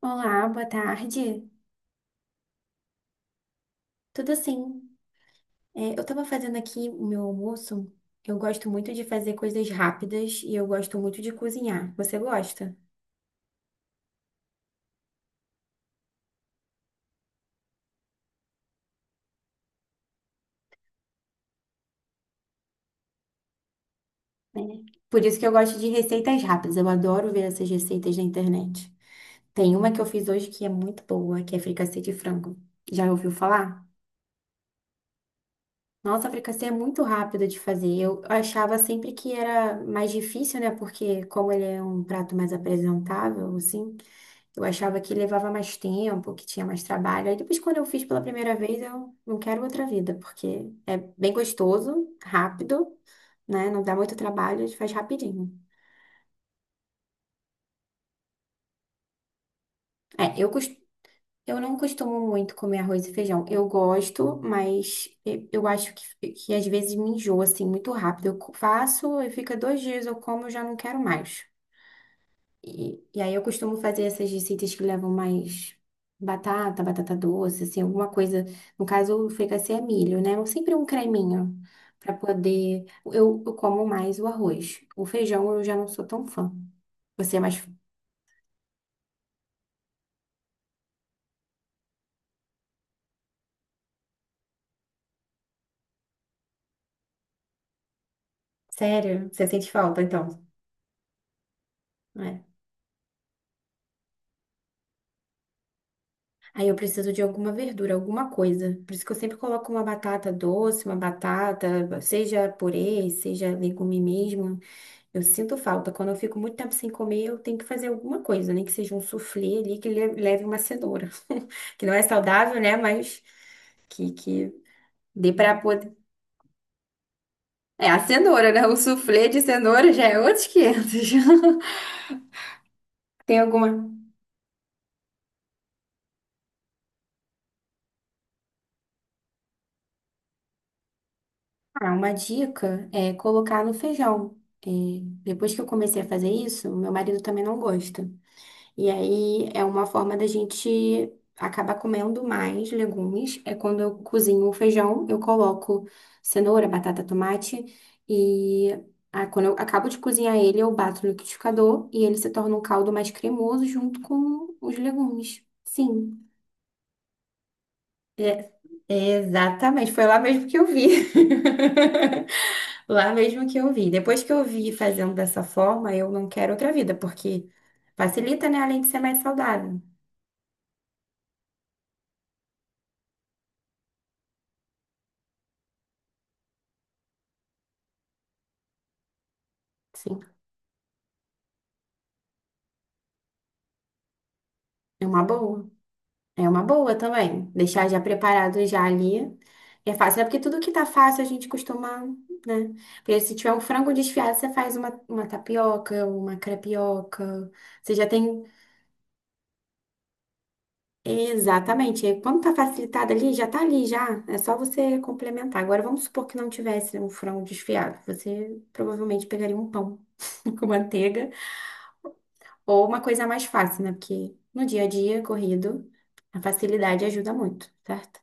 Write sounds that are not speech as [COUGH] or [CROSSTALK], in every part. Olá, boa tarde. Tudo sim. É, eu estava fazendo aqui o meu almoço. Eu gosto muito de fazer coisas rápidas e eu gosto muito de cozinhar. Você gosta? É. Por isso que eu gosto de receitas rápidas. Eu adoro ver essas receitas na internet. Tem uma que eu fiz hoje que é muito boa, que é fricassê de frango. Já ouviu falar? Nossa, fricassê é muito rápido de fazer. Eu achava sempre que era mais difícil, né? Porque como ele é um prato mais apresentável, assim. Eu achava que levava mais tempo, que tinha mais trabalho. Aí depois, quando eu fiz pela primeira vez, eu não quero outra vida, porque é bem gostoso, rápido, né? Não dá muito trabalho, a gente faz rapidinho. É, eu não costumo muito comer arroz e feijão. Eu gosto, mas eu acho que às vezes me enjoa, assim, muito rápido. Faço e fica 2 dias, eu como, eu já não quero mais. E aí eu costumo fazer essas receitas que levam mais batata, batata doce, assim, alguma coisa. No caso, o fricassê é milho, né? Sempre um creminho para poder. Eu como mais o arroz. O feijão eu já não sou tão fã. Você é mais. Sério? Você sente falta, então? É. Aí eu preciso de alguma verdura, alguma coisa. Por isso que eu sempre coloco uma batata doce, uma batata, seja purê, seja legume mesmo. Eu sinto falta. Quando eu fico muito tempo sem comer, eu tenho que fazer alguma coisa, nem que seja um suflê ali que leve uma cenoura. [LAUGHS] Que não é saudável, né? Mas que dê pra poder. É, a cenoura, né? O suflê de cenoura já é outros 500. [LAUGHS] Tem alguma. Ah, uma dica é colocar no feijão. É, depois que eu comecei a fazer isso, meu marido também não gosta. E aí é uma forma da gente acabar comendo mais legumes. É quando eu cozinho o feijão, eu coloco cenoura, batata, tomate e ah, quando eu acabo de cozinhar ele, eu bato no liquidificador e ele se torna um caldo mais cremoso junto com os legumes. Sim. É- Exatamente, foi lá mesmo que eu vi. [LAUGHS] Lá mesmo que eu vi. Depois que eu vi fazendo dessa forma, eu não quero outra vida, porque facilita, né? Além de ser mais saudável. Sim. É uma boa. É uma boa também. Deixar já preparado já ali. É fácil, né? Porque tudo que tá fácil a gente costuma, né? Porque se tiver um frango desfiado, você faz uma tapioca, uma crepioca. Você já tem. Exatamente. E quando tá facilitado ali, já tá ali, já. É só você complementar. Agora, vamos supor que não tivesse um frango desfiado. Você provavelmente pegaria um pão [LAUGHS] com manteiga ou uma coisa mais fácil, né? Porque no dia a dia, corrido, a facilidade ajuda muito, certo?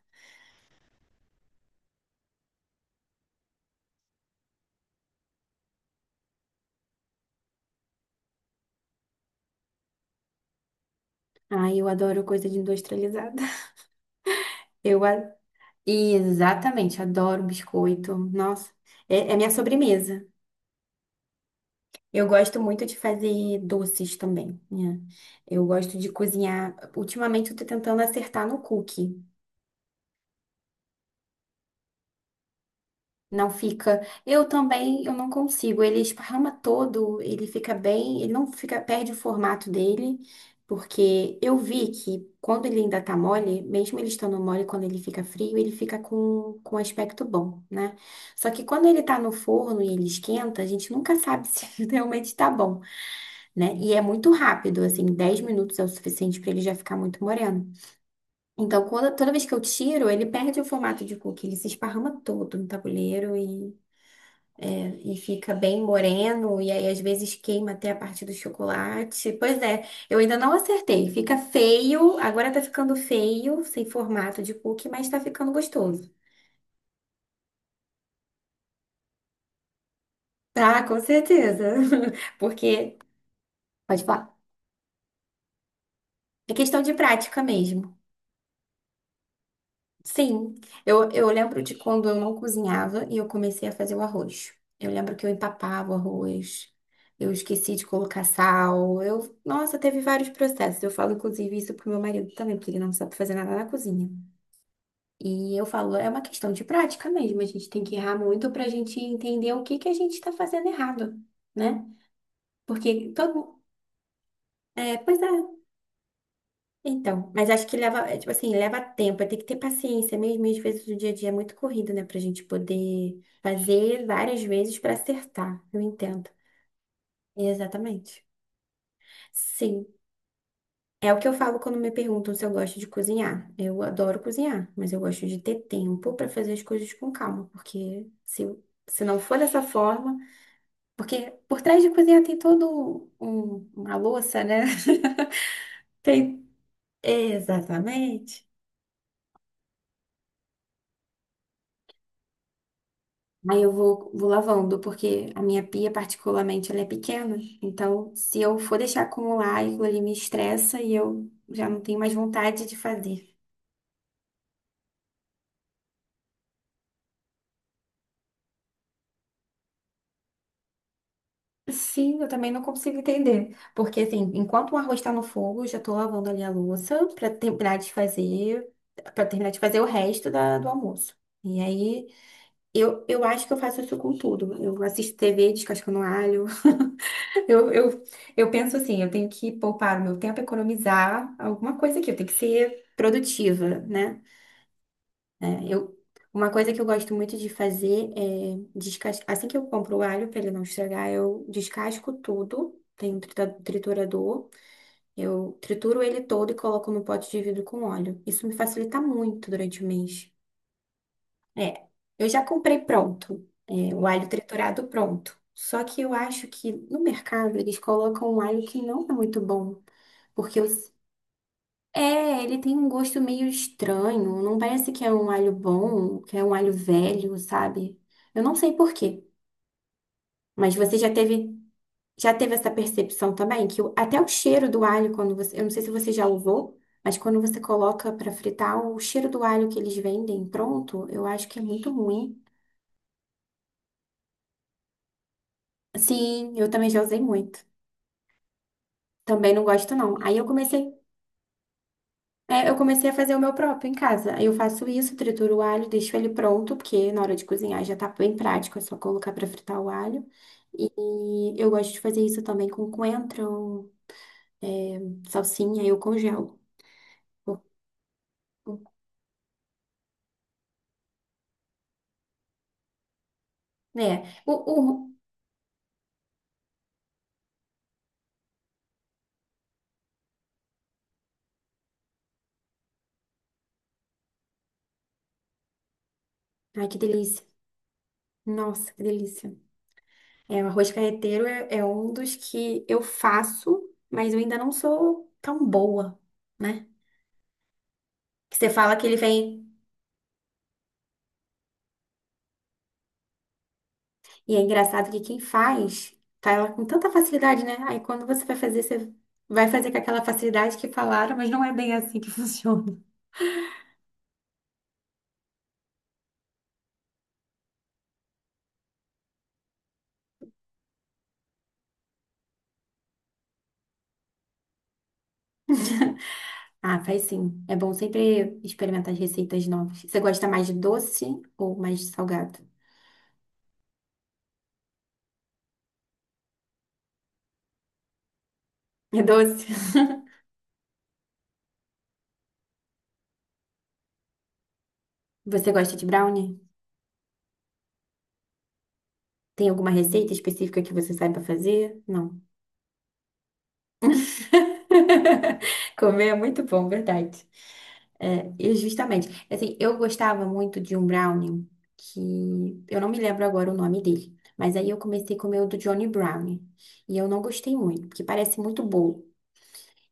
Ai, eu adoro coisa de industrializada. [LAUGHS] Eu a- e exatamente, adoro biscoito. Nossa, é minha sobremesa. Eu gosto muito de fazer doces também, né? Eu gosto de cozinhar. Ultimamente eu tô tentando acertar no cookie. Não fica. Eu também, eu não consigo. Ele esparrama todo, ele fica bem, ele não fica, perde o formato dele, porque eu vi que quando ele ainda tá mole, mesmo ele estando mole, quando ele fica frio, ele fica com um aspecto bom, né? Só que quando ele tá no forno e ele esquenta, a gente nunca sabe [LAUGHS] se realmente tá bom, né? E é muito rápido, assim, 10 minutos é o suficiente para ele já ficar muito moreno. Então, quando, toda vez que eu tiro, ele perde o formato de cookie, ele se esparrama todo no tabuleiro e fica bem moreno, e aí às vezes queima até a parte do chocolate. Pois é, eu ainda não acertei. Fica feio, agora tá ficando feio, sem formato de cookie, mas tá ficando gostoso. Tá, com certeza. [LAUGHS] Porque, pode falar, é questão de prática mesmo. Sim, eu lembro de quando eu não cozinhava e eu comecei a fazer o arroz. Eu lembro que eu empapava o arroz, eu esqueci de colocar sal, eu... Nossa, teve vários processos. Eu falo, inclusive, isso pro meu marido também, porque ele não sabe fazer nada na cozinha. E eu falo, é uma questão de prática mesmo, a gente tem que errar muito pra gente entender o que que a gente tá fazendo errado, né? Porque todo... É, pois é. Então, mas acho que leva, é, tipo assim, leva tempo, tem que ter paciência mesmo, e às vezes o dia a dia é muito corrido, né, pra gente poder fazer várias vezes pra acertar, eu entendo. Exatamente. Sim, é o que eu falo quando me perguntam se eu gosto de cozinhar. Eu adoro cozinhar, mas eu gosto de ter tempo pra fazer as coisas com calma, porque se não for dessa forma, porque por trás de cozinhar tem todo uma louça, né? [LAUGHS] Tem, exatamente. Aí eu vou lavando, porque a minha pia, particularmente, ela é pequena. Então, se eu for deixar acumular, aquilo ali me estressa e eu já não tenho mais vontade de fazer. Sim, eu também não consigo entender. Porque, assim, enquanto o arroz está no fogo, eu já tô lavando ali a louça para terminar de fazer o resto do almoço. E aí, eu acho que eu faço isso com tudo. Eu assisto TV, descascando alho. Eu, eu, eu penso assim, eu tenho que poupar o meu tempo, economizar alguma coisa aqui, eu tenho que ser produtiva, né? É, uma coisa que eu gosto muito de fazer é descascar. Assim que eu compro o alho para ele não estragar, eu descasco tudo. Tem um triturador, eu trituro ele todo e coloco no pote de vidro com óleo. Isso me facilita muito durante o mês. É, eu já comprei pronto, o alho triturado pronto. Só que eu acho que no mercado eles colocam um alho que não é muito bom, porque ele tem um gosto meio estranho, não parece que é um alho bom, que é um alho velho, sabe? Eu não sei por quê, mas você já teve essa percepção também até o cheiro do alho quando você, eu não sei se você já usou, mas quando você coloca para fritar, o cheiro do alho que eles vendem pronto, eu acho que é muito ruim. Sim, eu também já usei muito. Também não gosto, não. Aí eu comecei a fazer o meu próprio em casa. Aí eu faço isso, trituro o alho, deixo ele pronto, porque na hora de cozinhar já tá bem prático, é só colocar pra fritar o alho. E eu gosto de fazer isso também com coentro, é, salsinha, eu congelo. É, o, o... Ai, que delícia. Nossa, que delícia. É, o arroz carreteiro é um dos que eu faço, mas eu ainda não sou tão boa, né? Que você fala que ele vem. E é engraçado que quem faz, tá ela com tanta facilidade, né? Aí quando você vai fazer com aquela facilidade que falaram, mas não é bem assim que [LAUGHS] funciona. Ah, faz sim. É bom sempre experimentar as receitas novas. Você gosta mais de doce ou mais de salgado? É doce. [LAUGHS] Você gosta de brownie? Tem alguma receita específica que você saiba fazer? Não. [LAUGHS] Comer é muito bom, verdade. É, e justamente. Assim, eu gostava muito de um brownie que eu não me lembro agora o nome dele, mas aí eu comecei a comer o do Johnny Brownie e eu não gostei muito, porque parece muito bolo.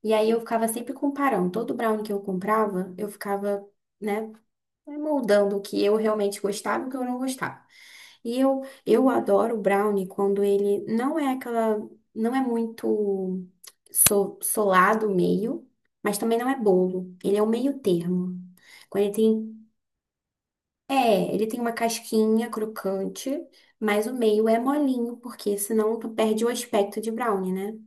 E aí eu ficava sempre comparando, todo brownie que eu comprava, eu ficava, né? Vai moldando o que eu realmente gostava e o que eu não gostava. E eu adoro o brownie quando ele não é aquela, não é muito solado o meio, mas também não é bolo. Ele é o meio termo. Quando ele tem, é, ele tem uma casquinha crocante, mas o meio é molinho, porque senão tu perde o aspecto de brownie, né?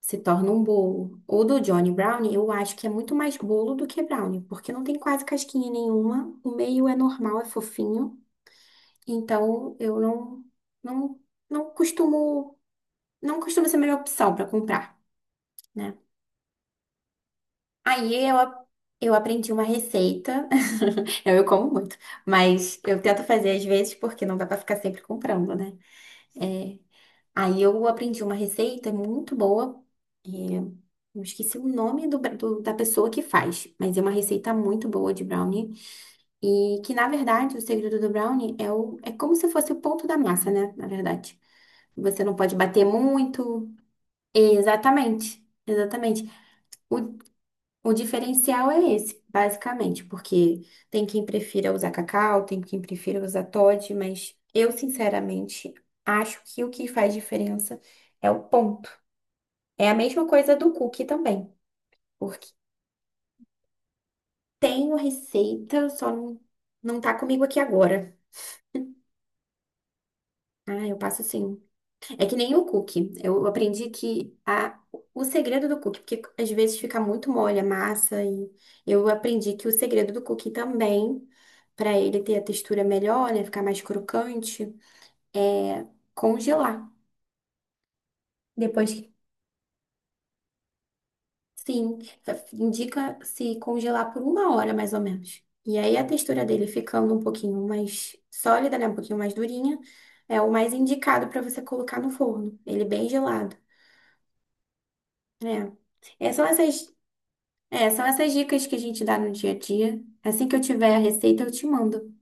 Se torna um bolo. O do Johnny Brownie, eu acho que é muito mais bolo do que brownie, porque não tem quase casquinha nenhuma, o meio é normal, é fofinho, então eu não não não costumo não costuma ser a melhor opção para comprar, né? Aí eu a- eu aprendi uma receita. [LAUGHS] Eu como muito, mas eu tento fazer às vezes porque não dá para ficar sempre comprando, né? É, aí eu aprendi uma receita muito boa. Eu esqueci o nome da pessoa que faz, mas é uma receita muito boa de brownie. E que, na verdade, o segredo do brownie é como se fosse o ponto da massa, né? Na verdade. Você não pode bater muito. Exatamente, exatamente. O, o diferencial é esse, basicamente, porque tem quem prefira usar cacau, tem quem prefira usar Toddy, mas eu, sinceramente, acho que o que faz diferença é o ponto. É a mesma coisa do cookie também. Tenho receita, só não, não tá comigo aqui agora. Ah, eu passo sim. É que nem o cookie. Eu aprendi que o segredo do cookie, porque às vezes fica muito mole a massa, e eu aprendi que o segredo do cookie também, para ele ter a textura melhor, né, ficar mais crocante, é congelar. Depois, sim, indica se congelar por uma hora mais ou menos. E aí a textura dele ficando um pouquinho mais sólida, né? Um pouquinho mais durinha, é o mais indicado para você colocar no forno. Ele bem gelado, né? É, são essas, São essas dicas que a gente dá no dia a dia. Assim que eu tiver a receita, eu te mando.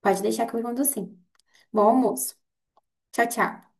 Pode deixar que eu mando sim. Bom almoço. Tchau, tchau.